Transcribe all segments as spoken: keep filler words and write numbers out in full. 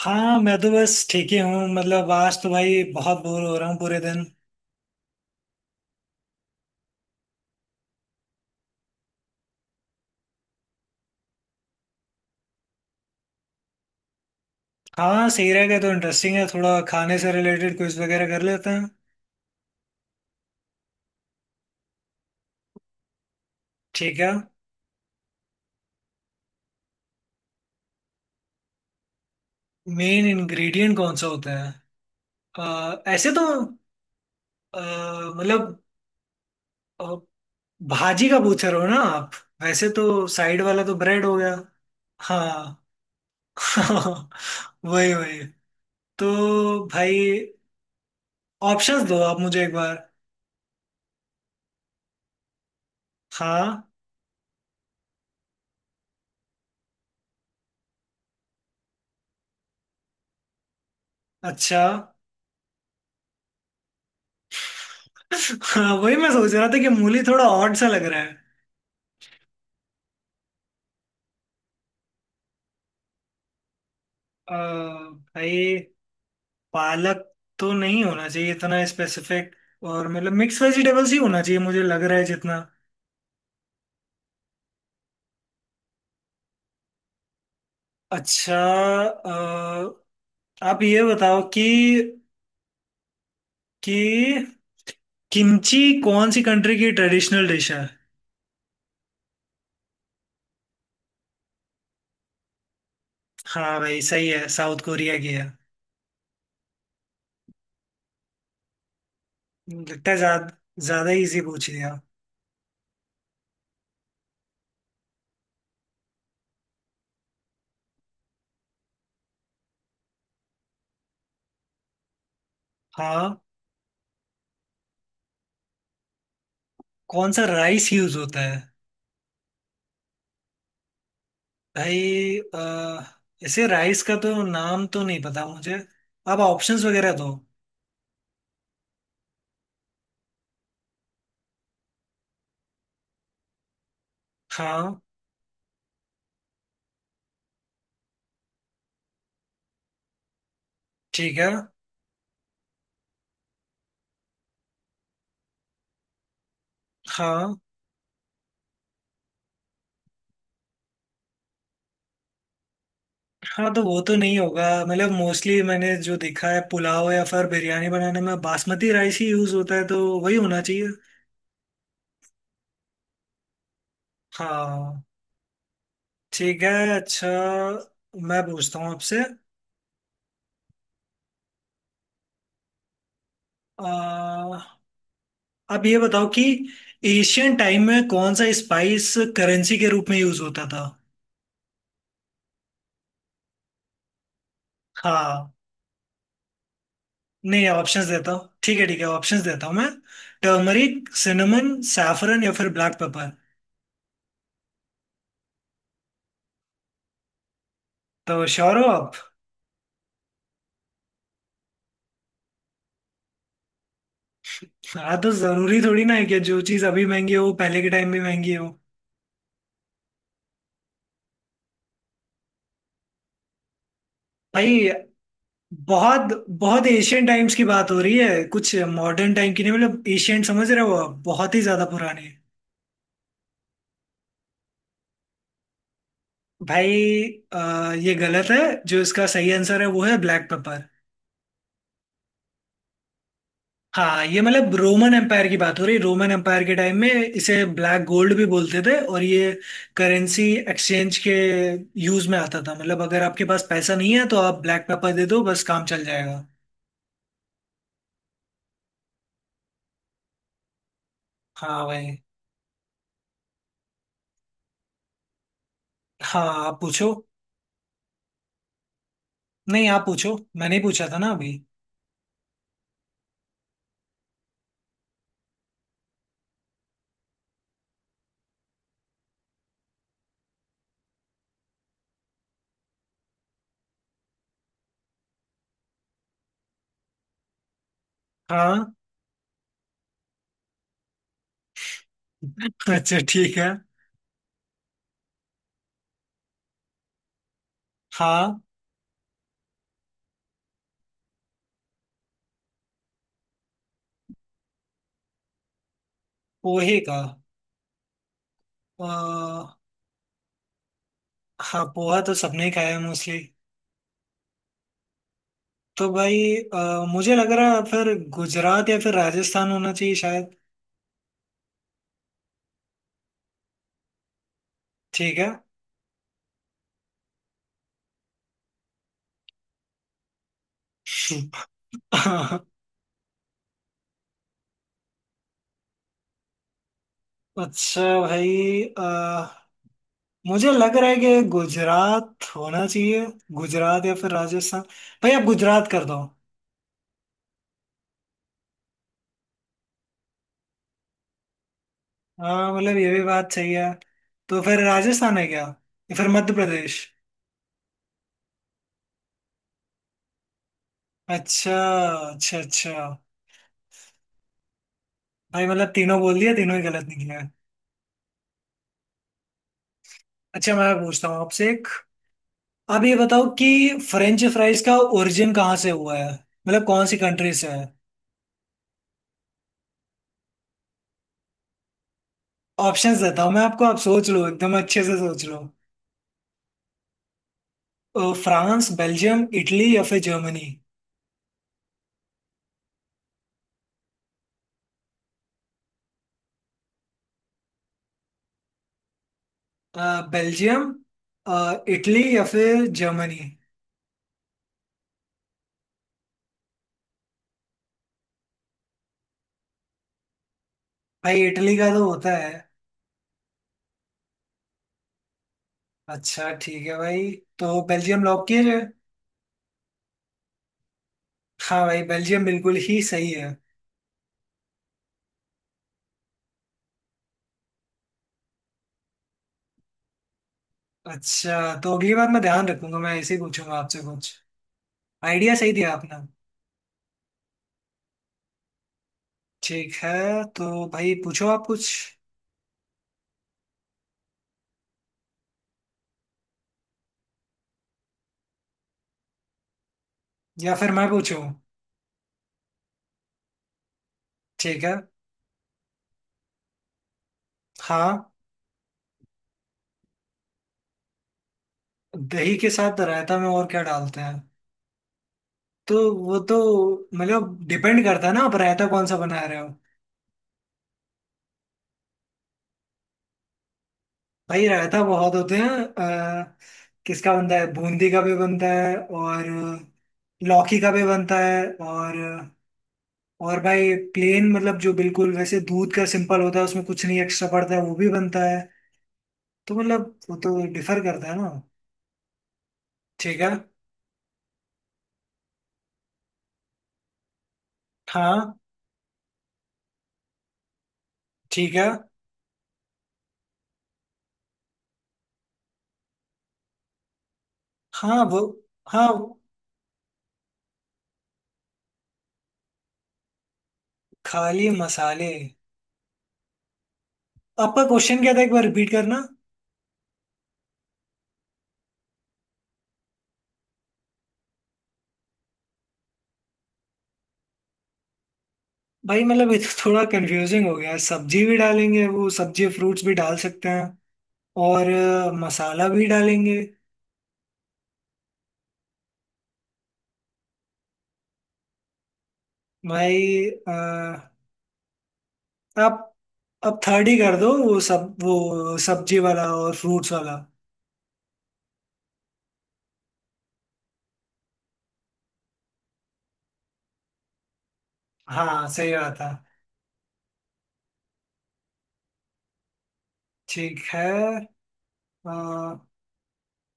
हाँ, मैं तो बस ठीक ही हूँ। मतलब आज तो भाई बहुत बोर हो रहा हूँ पूरे दिन। हाँ सही रहेगा। तो इंटरेस्टिंग है थोड़ा, खाने से रिलेटेड क्विज वगैरह कर लेते हैं। ठीक है। मेन इंग्रेडिएंट कौन सा होता है। अ, ऐसे तो अ, मतलब अ, भाजी का पूछ रहे हो ना आप। वैसे तो साइड वाला तो ब्रेड हो गया। हाँ। वही वही। तो भाई ऑप्शंस दो आप मुझे एक बार। हाँ। अच्छा, हाँ वही मैं सोच रहा था कि मूली थोड़ा ऑड सा लग रहा है। अ, भाई पालक तो नहीं होना चाहिए इतना स्पेसिफिक। और मतलब मिक्स वेजिटेबल्स ही होना चाहिए मुझे लग रहा है जितना। अच्छा, अ, आप ये बताओ कि कि किमची कौन सी कंट्री की ट्रेडिशनल डिश है। हाँ भाई सही है, साउथ कोरिया की है। लगता है ज्यादा ज्यादा इजी पूछ लिया। हाँ, कौन सा राइस यूज होता है। भाई, अ, ऐसे राइस का तो नाम तो नहीं पता मुझे। आप ऑप्शंस वगैरह दो। हाँ। ठीक है। हाँ। हाँ तो वो तो नहीं होगा। मतलब मोस्टली मैंने जो देखा है पुलाव या फिर बिरयानी बनाने में बासमती राइस ही यूज होता है, तो वही होना चाहिए। हाँ। ठीक है। अच्छा, मैं पूछता हूँ आपसे। अ, आप ये बताओ कि एशियन टाइम में कौन सा स्पाइस करेंसी के रूप में यूज होता था। हाँ, नहीं ऑप्शंस देता हूँ। ठीक है ठीक है, ऑप्शंस देता हूँ मैं। टर्मरिक, सिनेमन, सैफरन या फिर ब्लैक पेपर। तो श्योर हो आप। हाँ, तो जरूरी थोड़ी ना है कि जो चीज अभी महंगी हो वो पहले के टाइम में महंगी हो। भाई, बहुत बहुत एशियन टाइम्स की बात हो रही है, कुछ मॉडर्न टाइम की नहीं। मतलब एशियन समझ रहे हो आप, बहुत ही ज्यादा पुरानी। भाई, अ, ये गलत है। जो इसका सही आंसर है वो है ब्लैक पेपर। हाँ, ये मतलब रोमन एम्पायर की बात हो रही है। रोमन एम्पायर के टाइम में इसे ब्लैक गोल्ड भी बोलते थे और ये करेंसी एक्सचेंज के यूज में आता था। मतलब अगर आपके पास पैसा नहीं है तो आप ब्लैक पेपर दे दो, बस काम चल जाएगा। हाँ भाई। हाँ, आप पूछो। नहीं, आप पूछो, मैंने ही पूछा था ना अभी। हाँ। अच्छा, ठीक है। हाँ, पोहे का। अ, हाँ, पोहा तो सबने ही खाया है मोस्टली। तो भाई अ, मुझे लग रहा है फिर गुजरात या फिर राजस्थान होना चाहिए शायद। ठीक है। अच्छा भाई, अ, मुझे लग रहा है कि गुजरात होना चाहिए। गुजरात या फिर राजस्थान। भाई आप गुजरात कर दो। हाँ, मतलब ये भी बात सही है। तो फिर राजस्थान है क्या, या फिर मध्य प्रदेश। अच्छा। अच्छा अच्छा। भाई मतलब तीनों बोल दिया, तीनों ही गलत निकले हैं। अच्छा, मैं पूछता हूँ आपसे एक। आप ये बताओ कि फ्रेंच फ्राइज का ओरिजिन कहाँ से हुआ है, मतलब कौन सी कंट्री से है। ऑप्शंस देता हूँ मैं आपको, आप सोच लो एकदम अच्छे से सोच लो। अ, फ्रांस, बेल्जियम, इटली या फिर जर्मनी। अ, बेल्जियम, अ, इटली या फिर जर्मनी। भाई इटली का तो होता है। अच्छा, ठीक है भाई। तो बेल्जियम लॉक किया जाए। हाँ भाई, बेल्जियम बिल्कुल ही सही है। अच्छा, तो अगली बार मैं ध्यान रखूंगा, मैं ऐसे ही पूछूंगा आपसे कुछ। आइडिया सही दिया आपने। ठीक है। तो भाई पूछो आप कुछ। या फिर मैं पूछूं। ठीक है। हाँ, दही के साथ रायता में और क्या डालते हैं। तो वो तो मतलब डिपेंड करता है ना आप रायता कौन सा बना रहे हो। भाई रायता बहुत होते हैं, अ, किसका बनता है, बूंदी का भी बनता है और लौकी का भी बनता है, और और भाई प्लेन, मतलब जो बिल्कुल वैसे दूध का सिंपल होता है, उसमें कुछ नहीं एक्स्ट्रा पड़ता है, वो भी बनता है। तो मतलब वो तो डिफर करता है ना। ठीक है। हाँ। ठीक है। हाँ वो, हाँ खाली मसाले। आपका क्वेश्चन क्या था एक बार रिपीट करना। भाई मतलब ये तो थोड़ा कंफ्यूजिंग हो गया है। सब्जी भी डालेंगे, वो सब्जी फ्रूट्स भी डाल सकते हैं, और अ, मसाला भी डालेंगे। भाई, अ, आप अब थर्ड ही कर दो, वो सब वो सब्जी वाला और फ्रूट्स वाला। हाँ सही बात है। ठीक है। अ,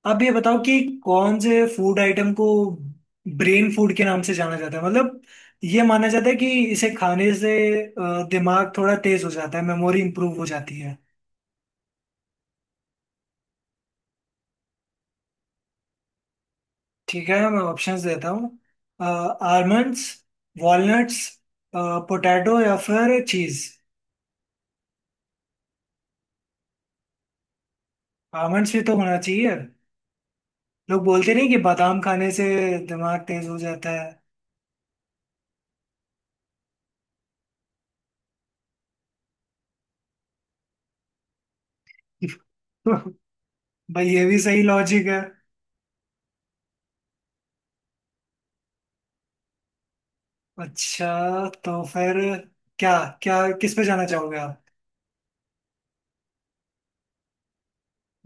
अब ये बताओ कि कौन से फूड आइटम को ब्रेन फूड के नाम से जाना जाता है। मतलब ये माना जाता है कि इसे खाने से अ, दिमाग थोड़ा तेज हो जाता है, मेमोरी इंप्रूव हो जाती है। ठीक है मैं ऑप्शंस देता हूँ। आलमंड्स, वॉलनट्स, पोटैटो या फिर चीज। आलमंड्स भी तो होना चाहिए। लोग बोलते नहीं कि बादाम खाने से दिमाग तेज हो जाता है। भाई ये भी सही लॉजिक है। अच्छा, तो फिर क्या क्या किस पे जाना चाहोगे आप।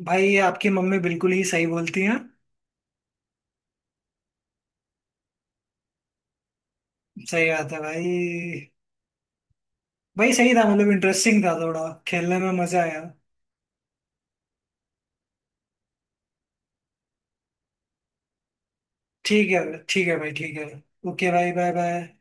भाई ये आपकी मम्मी बिल्कुल ही सही बोलती हैं। सही बात है भाई। भाई सही था, मतलब इंटरेस्टिंग था, थोड़ा खेलने में मजा आया। ठीक है। ठीक है भाई, ठीक है। ओके भाई, बाय बाय।